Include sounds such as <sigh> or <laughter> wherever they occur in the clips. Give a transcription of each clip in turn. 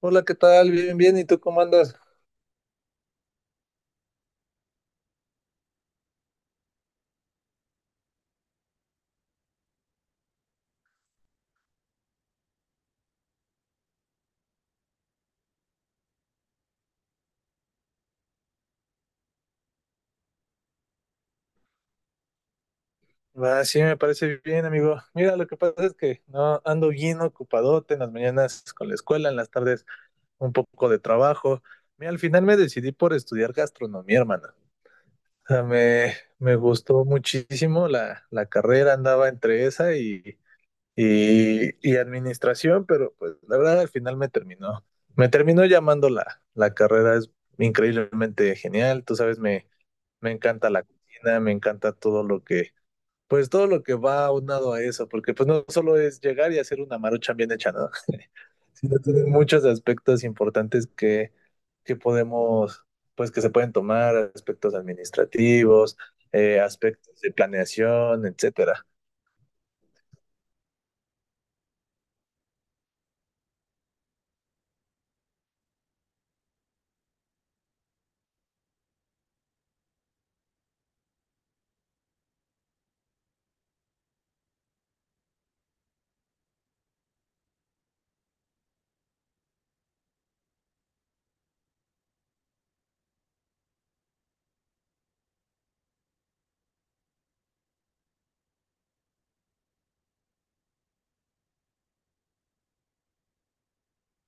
Hola, ¿qué tal? Bien, bien. ¿Y tú cómo andas? Ah, sí, me parece bien, amigo. Mira, lo que pasa es que no ando bien ocupadote en las mañanas con la escuela, en las tardes un poco de trabajo. Mira, al final me decidí por estudiar gastronomía, hermano. Sea, me, Me gustó muchísimo la carrera, andaba entre esa y administración, pero pues la verdad al final me terminó. Me terminó llamando la carrera, es increíblemente genial. Tú sabes. Me encanta la cocina, me encanta pues todo lo que va aunado a eso, porque pues no solo es llegar y hacer una maruchan bien hecha, ¿no? <laughs> Sino tiene muchos aspectos importantes que podemos, pues que se pueden tomar, aspectos administrativos, aspectos de planeación, etcétera.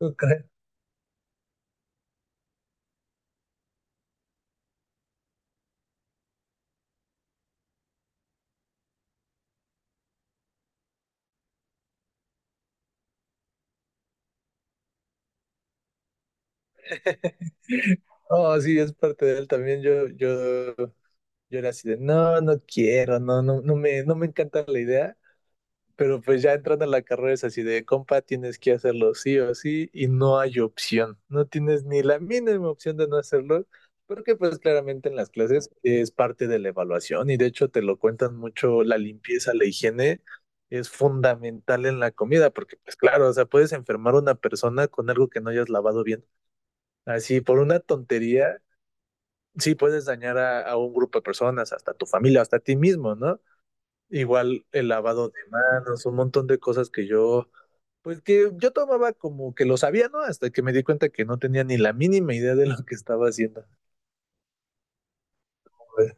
¿Tú crees? <laughs> Oh, sí, es parte de él también. Yo era así de, no, no quiero, no, no me encanta la idea. Pero pues ya entrando a la carrera es así de compa, tienes que hacerlo sí o sí y no hay opción. No tienes ni la mínima opción de no hacerlo, porque pues claramente en las clases es parte de la evaluación y de hecho te lo cuentan mucho, la limpieza, la higiene es fundamental en la comida, porque pues claro, o sea, puedes enfermar a una persona con algo que no hayas lavado bien. Así, por una tontería, sí puedes dañar a un grupo de personas, hasta tu familia, hasta ti mismo, ¿no? Igual el lavado de manos, un montón de cosas que yo tomaba como que lo sabía, ¿no? Hasta que me di cuenta que no tenía ni la mínima idea de lo que estaba haciendo. Joder.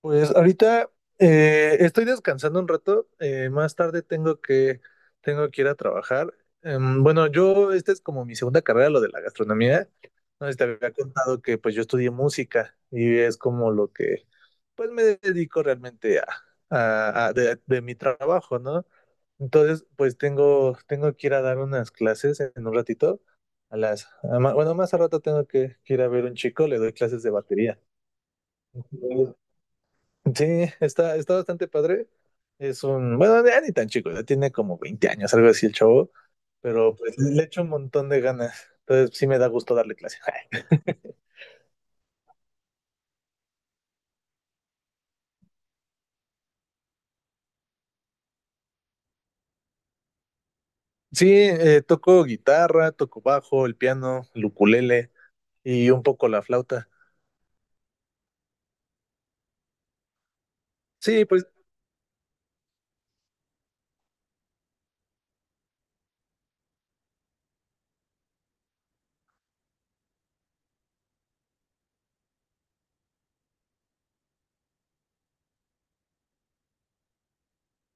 Pues ahorita estoy descansando un rato. Más tarde tengo que ir a trabajar. Bueno, yo, esta es como mi segunda carrera, lo de la gastronomía. No sé si te había contado que pues yo estudié música y es como lo que pues me dedico realmente de mi trabajo, ¿no? Entonces, pues tengo que ir a dar unas clases en un ratito. A las, a ma- bueno, Más al rato tengo que ir a ver un chico, le doy clases de batería. Sí, está bastante padre. Es un, bueno, ya ni tan chico, ya tiene como 20 años, algo así el chavo, pero pues le echo un montón de ganas. Entonces sí me da gusto darle clase. <laughs> Sí, toco guitarra, toco bajo, el piano, el ukulele y un poco la flauta. Sí, pues,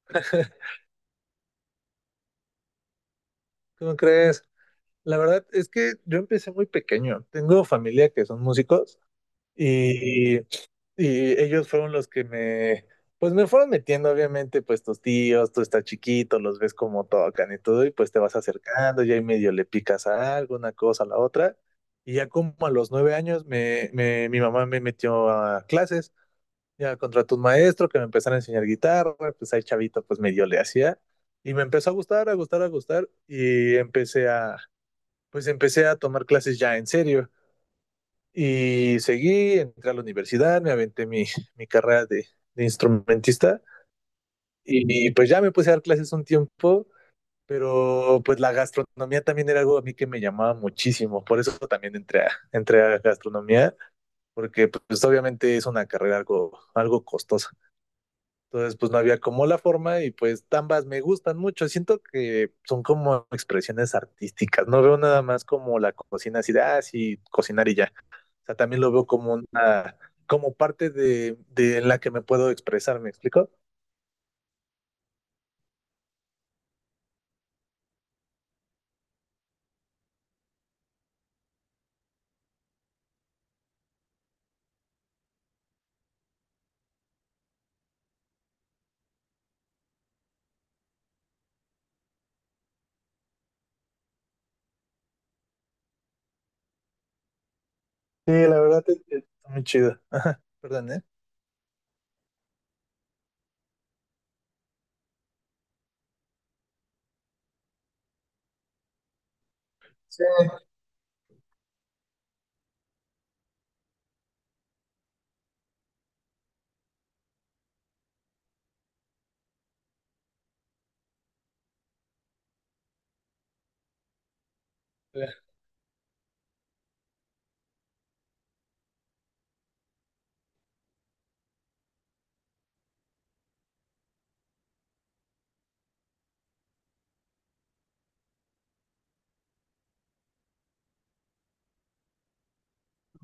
<laughs> ¿cómo crees? La verdad es que yo empecé muy pequeño. Tengo familia que son músicos y, y ellos fueron los que pues me fueron metiendo, obviamente, pues tus tíos, tú estás chiquito, los ves como tocan y todo, y pues te vas acercando, ya ahí medio le picas a algo, una cosa a la otra. Y ya como a los 9 años, mi mamá me metió a clases. Ya contraté un maestro que me empezara a enseñar guitarra, pues ahí chavito, pues medio le hacía. Y me empezó a gustar, a gustar, a gustar. Pues empecé a tomar clases ya en serio. Y seguí, entré a la universidad, mi carrera de instrumentista. Y, pues ya me puse a dar clases un tiempo, pero pues la gastronomía también era algo a mí que me llamaba muchísimo. Por eso también entré a gastronomía, porque pues obviamente es una carrera algo costosa. Entonces, pues no había como la forma y pues ambas me gustan mucho. Siento que son como expresiones artísticas. No veo nada más como la cocina así de, ah, sí, cocinar y ya. O sea, también lo veo como una, como parte de en la que me puedo expresar, ¿me explico? Sí, la verdad es que está muy chido. Perdón, ¿eh? Sí. ¿Tú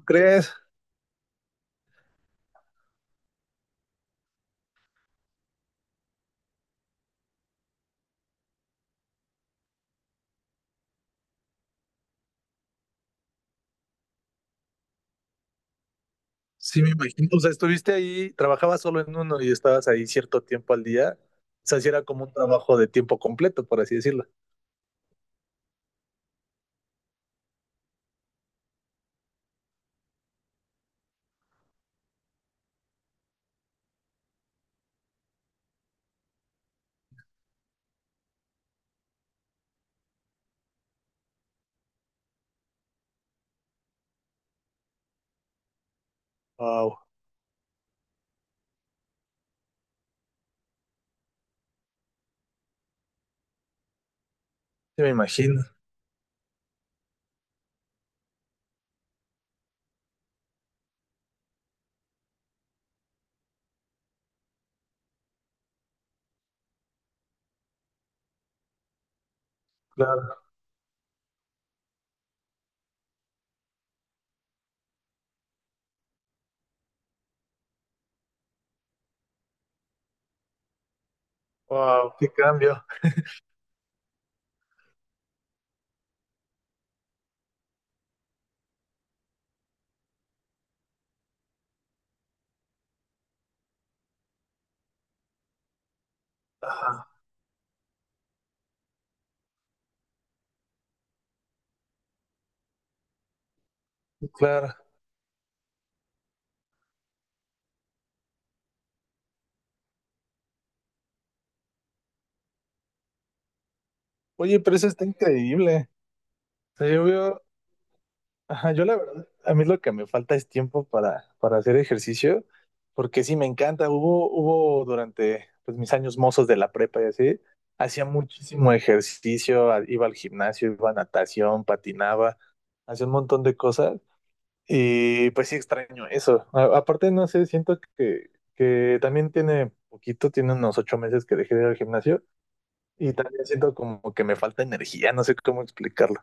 ¿Crees? Sí, me imagino. O sea, estuviste ahí, trabajabas solo en uno y estabas ahí cierto tiempo al día. O sea, sí era como un trabajo de tiempo completo, por así decirlo. Wow, sí me imagino. Claro. Wow, qué cambio. Ajá, claro. Oye, pero eso está increíble. O sea, yo veo, ajá, yo la verdad, a mí lo que me falta es tiempo para hacer ejercicio, porque sí me encanta. Hubo durante pues, mis años mozos de la prepa y así, hacía muchísimo ejercicio, a- iba al gimnasio, iba a natación, patinaba, hacía un montón de cosas. Y pues sí extraño eso. A- aparte, no sé, siento que también tiene poquito, tiene unos 8 meses que dejé de ir al gimnasio. Y también siento como que me falta energía, no sé cómo explicarlo.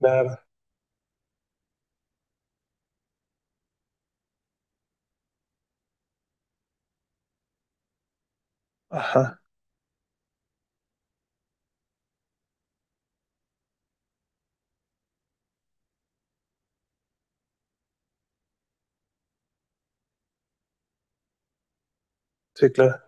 Claro, ajá, sí, claro.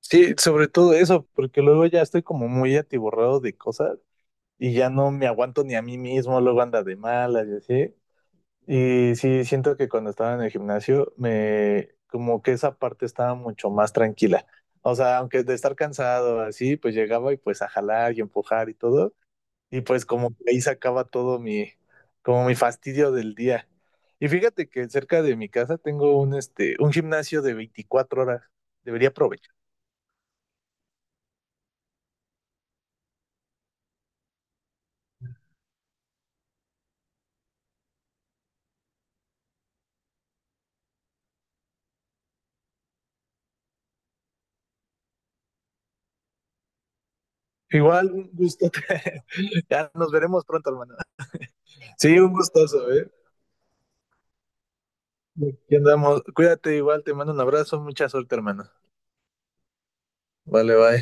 Sí, sobre todo eso, porque luego ya estoy como muy atiborrado de cosas y ya no me aguanto ni a mí mismo, luego anda de malas y así. Y sí, siento que cuando estaba en el gimnasio, me como que esa parte estaba mucho más tranquila. O sea, aunque de estar cansado así, pues llegaba y pues a jalar y empujar y todo. Y pues como que ahí sacaba todo mi, como mi fastidio del día. Y fíjate que cerca de mi casa tengo un, este, un gimnasio de 24 horas. Debería aprovechar. Igual, un gusto. <laughs> Ya nos veremos pronto, hermano. Sí, un gustoso ¿eh? Aquí andamos. Cuídate igual, te mando un abrazo, mucha suerte, hermano. Vale, bye.